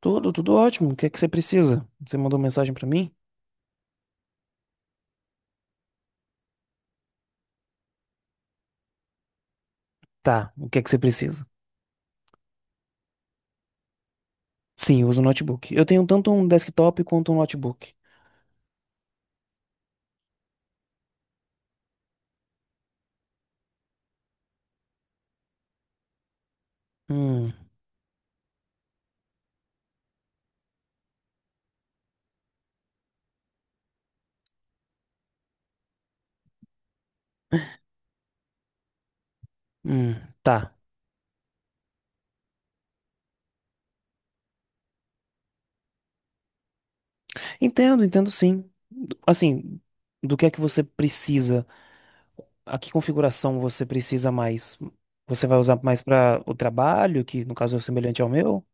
Tudo, ótimo. O que é que você precisa? Você mandou mensagem pra mim? Tá, o que é que você precisa? Sim, eu uso notebook. Eu tenho tanto um desktop quanto um notebook. Hum, hum, tá. Entendo sim. Assim, do que é que você precisa? A que configuração você precisa mais? Você vai usar mais para o trabalho, que no caso é semelhante ao meu?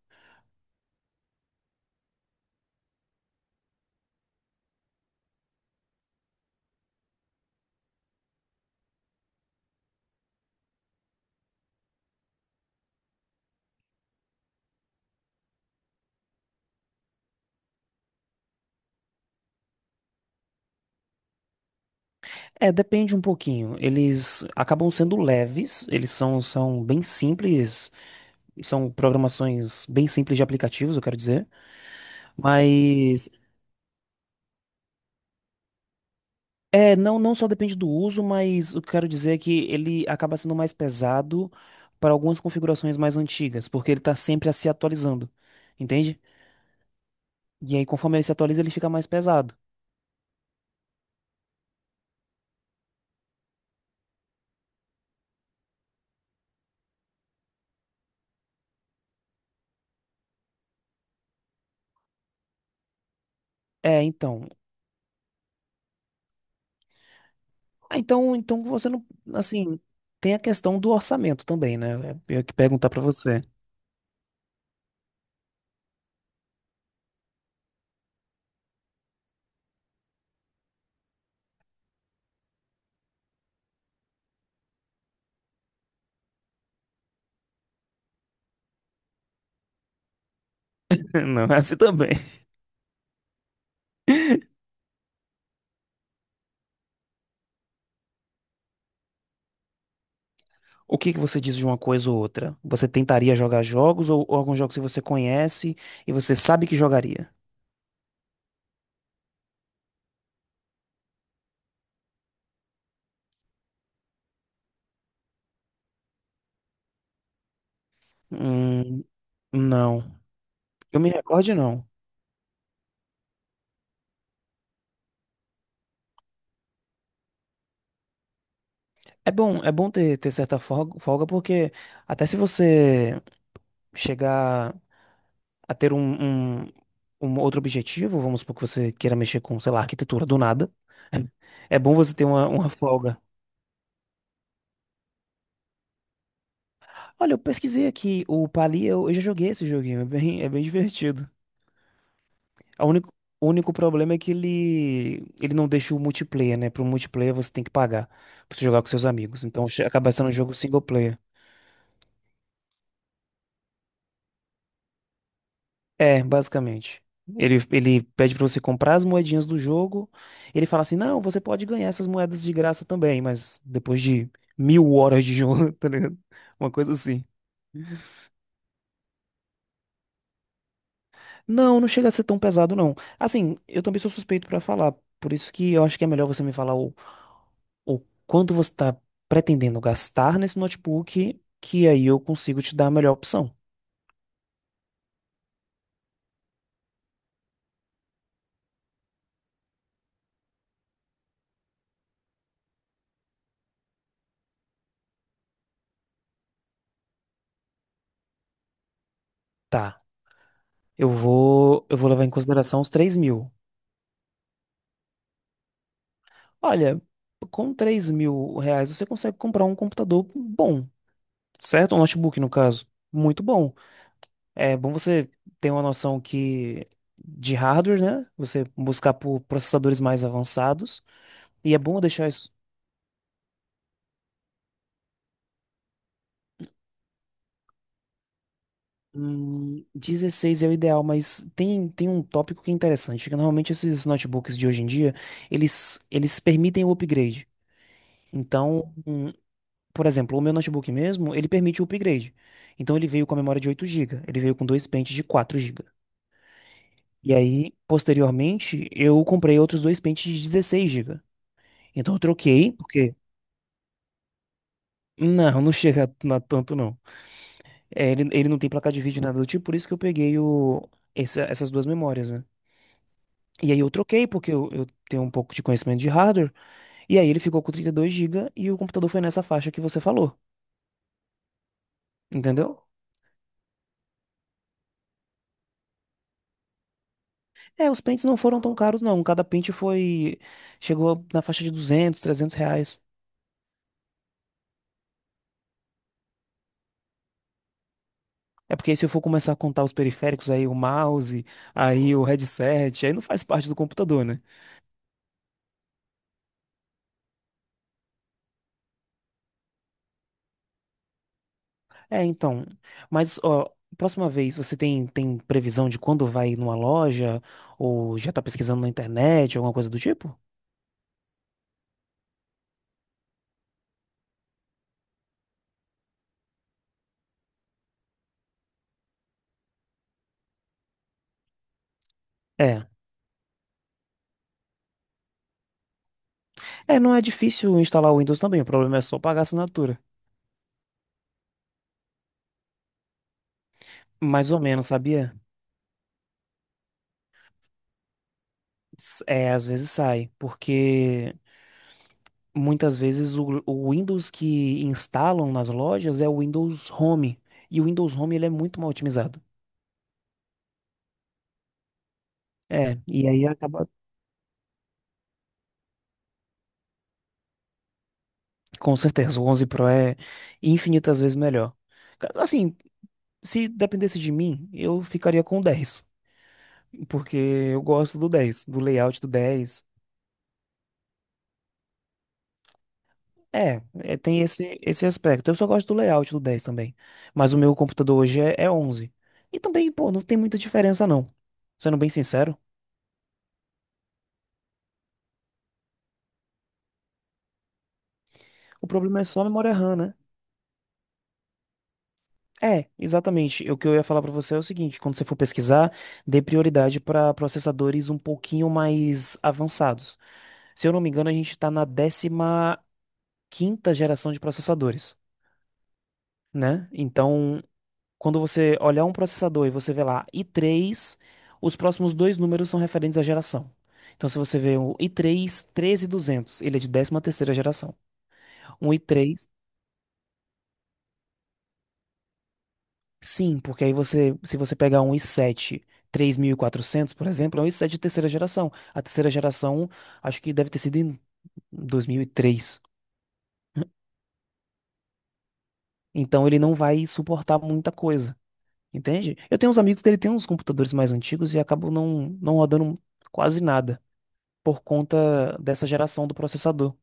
É, depende um pouquinho. Eles acabam sendo leves, eles são bem simples, são programações bem simples de aplicativos, eu quero dizer. Mas é, não só depende do uso, mas o que eu quero dizer é que ele acaba sendo mais pesado para algumas configurações mais antigas, porque ele está sempre a se atualizando, entende? E aí, conforme ele se atualiza, ele fica mais pesado. É, então. Ah, então você não, assim, tem a questão do orçamento também, né? É, eu ia que perguntar para você. Não, é assim também. O que que você diz de uma coisa ou outra? Você tentaria jogar jogos ou alguns jogos que você conhece e você sabe que jogaria? Hum, não. Eu me recordo, não. É bom ter certa folga, porque até se você chegar a ter um outro objetivo, vamos supor que você queira mexer com, sei lá, arquitetura do nada, é bom você ter uma folga. Olha, eu pesquisei aqui, o Pali, eu já joguei esse joguinho, é bem divertido. A único, o único problema é que ele não deixa o multiplayer, né? Para o multiplayer você tem que pagar pra você jogar com seus amigos. Acaba sendo um jogo single player. É, basicamente. Ele pede pra você comprar as moedinhas do jogo. Ele fala assim: não, você pode ganhar essas moedas de graça também, mas depois de 1.000 horas de jogo, tá ligado? Uma coisa assim. Não, não chega a ser tão pesado, não. Assim, eu também sou suspeito pra falar, por isso que eu acho que é melhor você me falar o quanto você tá pretendendo gastar nesse notebook, que aí eu consigo te dar a melhor opção. Tá. Eu vou levar em consideração os 3.000. Olha, com R$ 3.000 você consegue comprar um computador bom, certo? Um notebook, no caso. Muito bom. É bom você ter uma noção que de hardware, né? Você buscar por processadores mais avançados. E é bom deixar isso. 16 é o ideal, mas tem um tópico que é interessante, que normalmente esses notebooks de hoje em dia, eles permitem o upgrade. Então, um Por exemplo, o meu notebook mesmo, ele permite o upgrade. Então ele veio com a memória de 8 GB, ele veio com dois pentes de 4 GB. E aí, posteriormente, eu comprei outros dois pentes de 16 GB. Então eu troquei, porque não, não chega a tanto não. É, ele não tem placa de vídeo nada do tipo, por isso que eu peguei o, essa- essas duas memórias, né? E aí eu troquei, porque eu tenho um pouco de conhecimento de hardware, e aí ele ficou com 32 GB e o computador foi nessa faixa que você falou, entendeu? É, os pentes não foram tão caros, não. Cada pente foi. Chegou na faixa de R$ 200, R$ 300. É porque se eu for começar a contar os periféricos, aí o mouse, aí o headset, aí não faz parte do computador, né? É, então. Mas, ó, próxima vez você tem previsão de quando vai numa loja? Ou já tá pesquisando na internet, alguma coisa do tipo? É. É, não é difícil instalar o Windows também, o problema é só pagar a assinatura. Mais ou menos, sabia? É, às vezes sai, porque muitas vezes o Windows que instalam nas lojas é o Windows Home. E o Windows Home ele é muito mal otimizado. É, e aí acaba. Com certeza, o 11 Pro é infinitas vezes melhor. Assim, se dependesse de mim, eu ficaria com o 10. Porque eu gosto do 10, do layout do 10. Tem esse aspecto. Eu só gosto do layout do 10 também. Mas o meu computador hoje é 11. E também, pô, não tem muita diferença não. Sendo bem sincero, o problema é só a memória RAM, né? É, exatamente. O que eu ia falar pra você é o seguinte: quando você for pesquisar, dê prioridade para processadores um pouquinho mais avançados. Se eu não me engano, a gente está na décima quinta geração de processadores, né? Então, quando você olhar um processador e você vê lá i3, os próximos dois números são referentes à geração. Então, se você vê um i3 13.200, ele é de décima terceira geração. Um i3 Sim, porque aí você, se você pegar um i7 3400 por exemplo, é um i7 de terceira geração. A terceira geração, acho que deve ter sido em 2003. Então ele não vai suportar muita coisa, entende? Eu tenho uns amigos que ele tem uns computadores mais antigos e acabam não rodando quase nada por conta dessa geração do processador.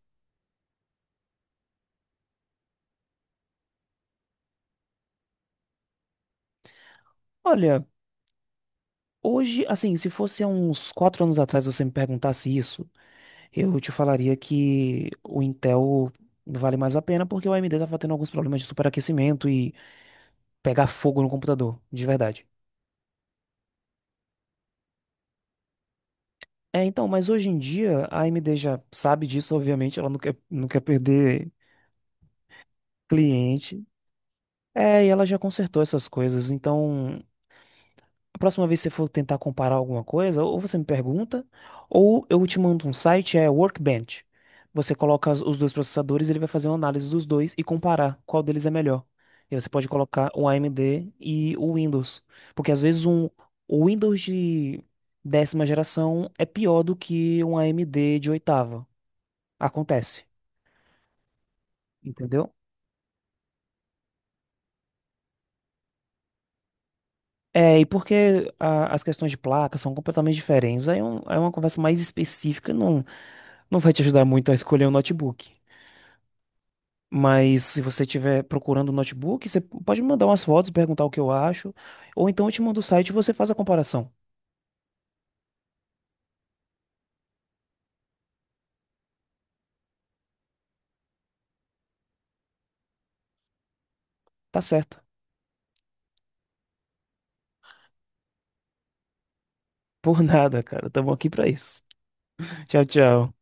Olha, hoje, assim, se fosse há uns 4 anos atrás você me perguntasse isso, eu te falaria que o Intel vale mais a pena porque o AMD estava tendo alguns problemas de superaquecimento e pegar fogo no computador, de verdade. É, então, mas hoje em dia a AMD já sabe disso, obviamente, ela não quer perder cliente. É, e ela já consertou essas coisas, então a próxima vez que você for tentar comparar alguma coisa, ou você me pergunta, ou eu te mando um site, é Workbench. Os dois processadores, ele vai fazer uma análise dos dois e comparar qual deles é melhor. E aí você pode colocar o AMD e o Windows, porque às vezes o Windows de décima geração é pior do que um AMD de oitava. Acontece, entendeu? É, e porque as questões de placa são completamente diferentes. Aí é uma conversa mais específica, não. Não vai te ajudar muito a escolher um notebook. Mas se você estiver procurando um notebook, você pode me mandar umas fotos, perguntar o que eu acho. Ou então eu te mando o site e você faz a comparação. Tá certo. Por nada, cara. Tamo aqui pra isso. Tchau, tchau.